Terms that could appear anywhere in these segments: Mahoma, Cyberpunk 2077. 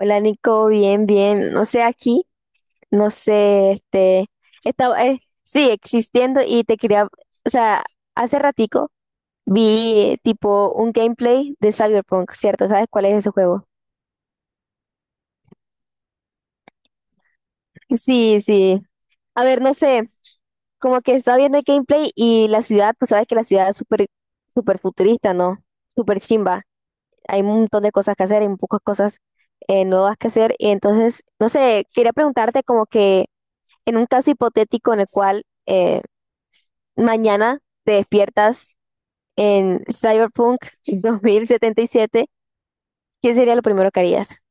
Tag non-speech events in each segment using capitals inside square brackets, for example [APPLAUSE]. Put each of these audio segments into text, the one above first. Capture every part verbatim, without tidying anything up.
Hola Nico, bien, bien. No sé, aquí, no sé, este, estaba, eh, sí, existiendo y te quería, o sea, hace ratico vi eh, tipo un gameplay de Cyberpunk, ¿cierto? ¿Sabes cuál es ese juego? Sí, sí. A ver, no sé, como que estaba viendo el gameplay y la ciudad, tú sabes que la ciudad es súper, súper futurista, ¿no? Súper chimba. Hay un montón de cosas que hacer, hay pocas cosas eh, nuevas que hacer. Y entonces, no sé, quería preguntarte como que... En un caso hipotético en el cual eh, mañana te despiertas en Cyberpunk [LAUGHS] dos mil setenta y siete, ¿qué sería lo primero que harías?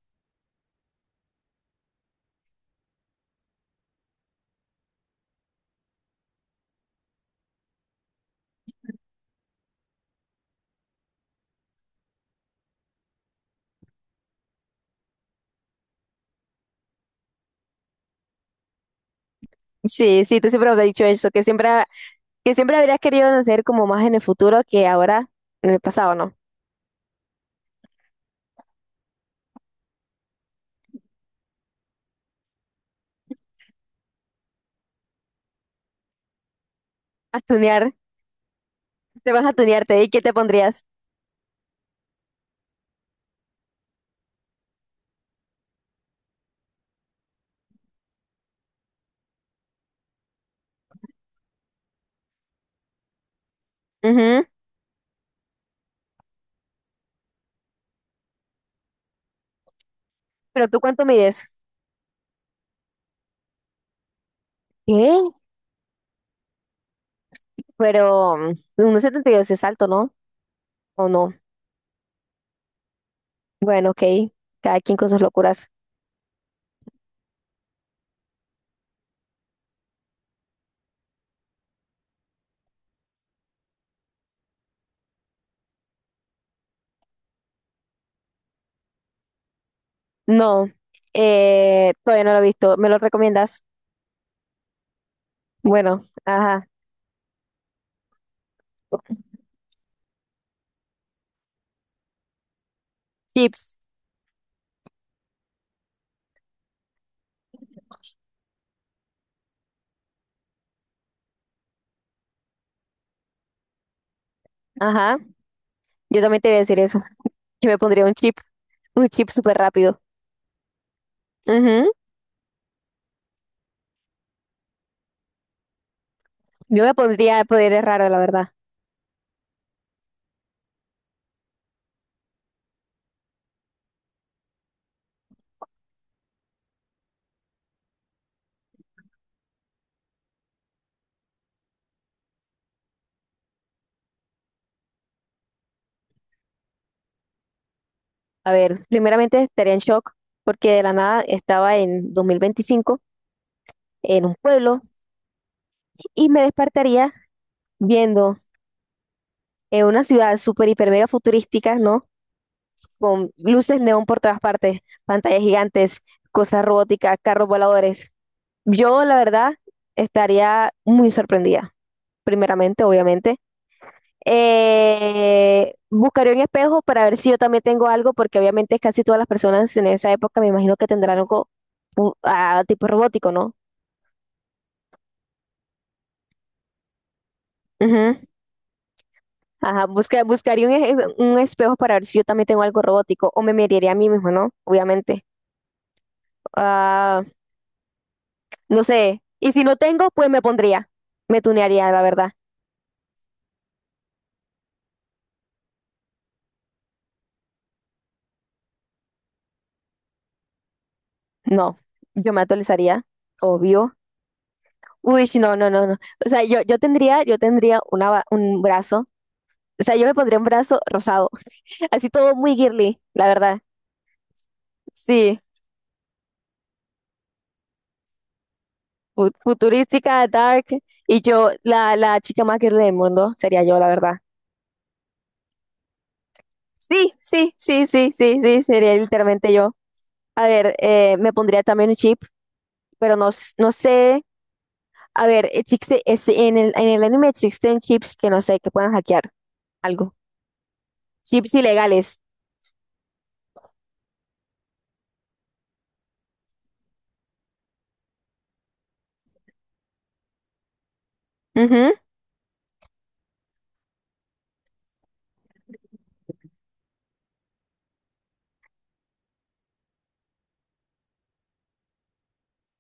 Sí, sí, tú siempre me has dicho eso, que siempre, ha- que siempre habrías querido hacer como más en el futuro que ahora en el pasado, ¿no? A tunear, te vas a tunearte, ¿y qué te pondrías? Ujú. ¿Pero tú cuánto mides? ¿Qué? Pero mm, uno coma setenta y dos es alto, ¿no? ¿O no? Bueno, ok, cada quien con sus locuras. No, eh, todavía no lo he visto, ¿me lo recomiendas? Bueno, ajá, chips, ajá, yo también te voy a decir eso, yo me pondría un chip, un chip súper rápido. Ujú. Yo me pondría poderes raros, la verdad. A ver, primeramente estaría en shock porque de la nada estaba en dos mil veinticinco en un pueblo y me despertaría viendo en una ciudad súper, hiper, mega futurística, ¿no? Con luces neón por todas partes, pantallas gigantes, cosas robóticas, carros voladores. Yo, la verdad, estaría muy sorprendida primeramente, obviamente. Eh, buscaré un espejo para ver si yo también tengo algo, porque obviamente casi todas las personas en esa época me imagino que tendrán algo u- ah, tipo robótico, ¿no? Ujú. Ajá, busca- buscaría un, e- un espejo para ver si yo también tengo algo robótico o me miraría a mí mismo, ¿no? Obviamente. Ah, no sé. Y si no tengo, pues me pondría. Me tunearía, la verdad. No, yo me actualizaría, obvio. Uy, sí, no, no, no, no. O sea, yo, yo tendría, yo tendría una, ba- un brazo. O sea, yo me pondría un brazo rosado. Así todo muy girly, la verdad. Sí, fu- futurística, dark. Y yo, la, la chica más girly del mundo, sería yo, la verdad. Sí, sí, sí, sí, sí, sí, sería literalmente yo. A ver, eh, me pondría también un chip, pero no, s- no sé. A ver, existe, es- en el, en el anime existen chips que no sé, que puedan hackear algo. Chips ilegales. Ujú.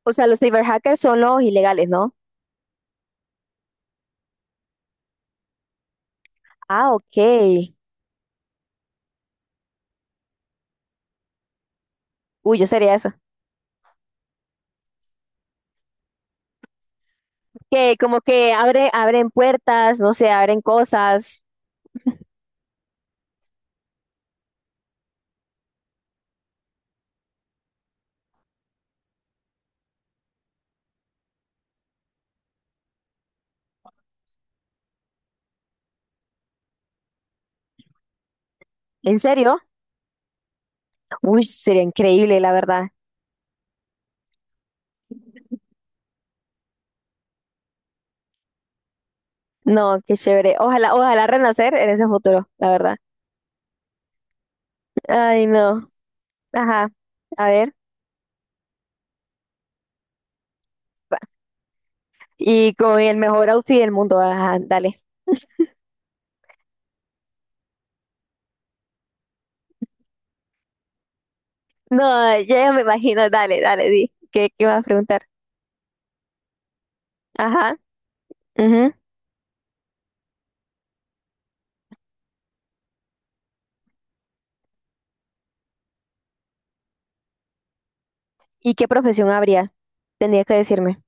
O sea, los cyberhackers son los ilegales, ¿no? Ah, ok. Uy, yo sería eso. Que como que abre, abren puertas, no sé, abren cosas. ¿En serio? Uy, sería increíble, la verdad. No, qué chévere. Ojalá, ojalá renacer en ese futuro, la verdad. Ay, no. Ajá. A ver. pa- Y con el mejor outfit del mundo. Ajá, dale. No, ya ya me imagino. Dale, dale, di. ¿Qué, qué vas a preguntar? Ajá. Ujú. ¿Y qué profesión habría? Tendría que decirme.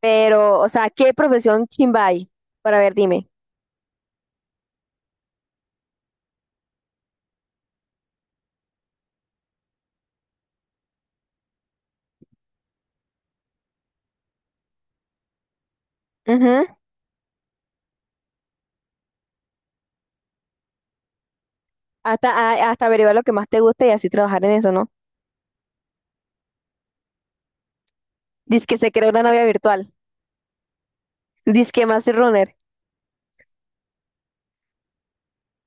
Pero, o sea, ¿qué profesión chimba hay? Para ver, dime. Hasta, a- hasta averiguar lo que más te gusta y así trabajar en eso, ¿no? Dice que se creó una novia virtual. Dice que más runner.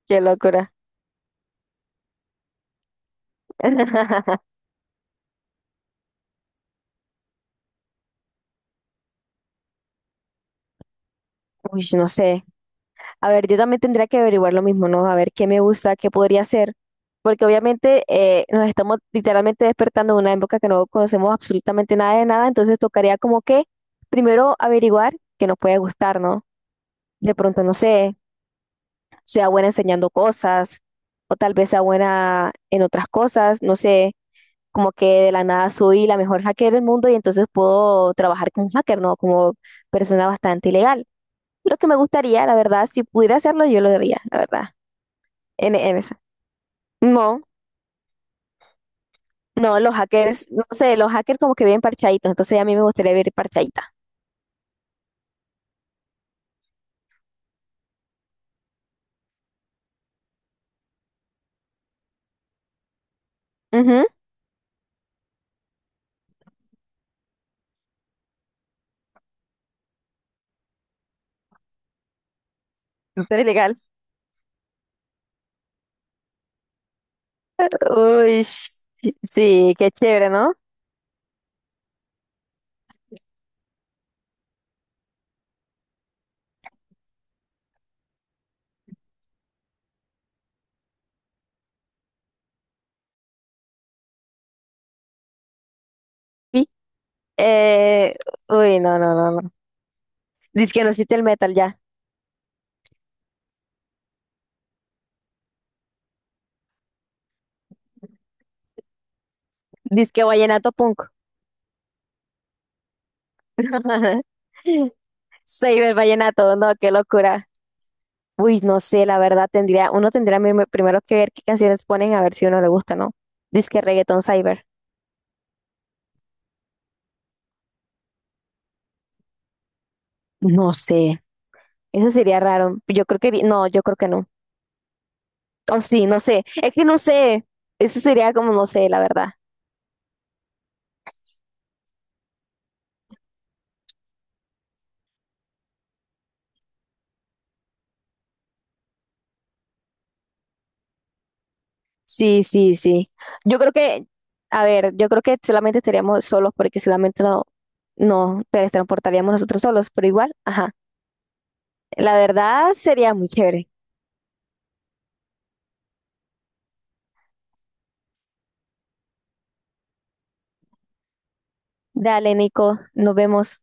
Qué locura. [LAUGHS] Uy, no sé. A ver, yo también tendría que averiguar lo mismo, ¿no? A ver qué me gusta, qué podría hacer. Porque obviamente eh, nos estamos literalmente despertando en una época que no conocemos absolutamente nada de nada. Entonces tocaría como que primero averiguar qué nos puede gustar, ¿no? De pronto, no sé, sea buena enseñando cosas o tal vez sea buena en otras cosas, no sé, como que de la nada soy la mejor hacker del mundo y entonces puedo trabajar como hacker, ¿no? Como persona bastante ilegal. Lo que me gustaría, la verdad, si pudiera hacerlo, yo lo haría, la verdad, en, en esa. No, no, los hackers, no sé, los hackers como que viven parchaditos, entonces a mí me gustaría vivir parchadita. Ujú. Ser ilegal. Uy, sí, sí, qué chévere, ¿no? Eh, uy, no, no, no, no. Disque no existe el metal ya. Disque vallenato punk. [LAUGHS] Cyber vallenato, no, qué locura. Uy, no sé, la verdad tendría, uno tendría mi- primero que ver qué canciones ponen a ver si uno le gusta, ¿no? Disque reggaetón cyber. No sé, eso sería raro. Yo creo que, no, yo creo que no. O sí, no sé, es que no sé. Eso sería como, no sé, la verdad. Sí, sí, sí. Yo creo que, a ver, yo creo que solamente estaríamos solos porque solamente no nos teletransportaríamos nosotros solos, pero igual, ajá. La verdad sería muy chévere. Dale, Nico, nos vemos.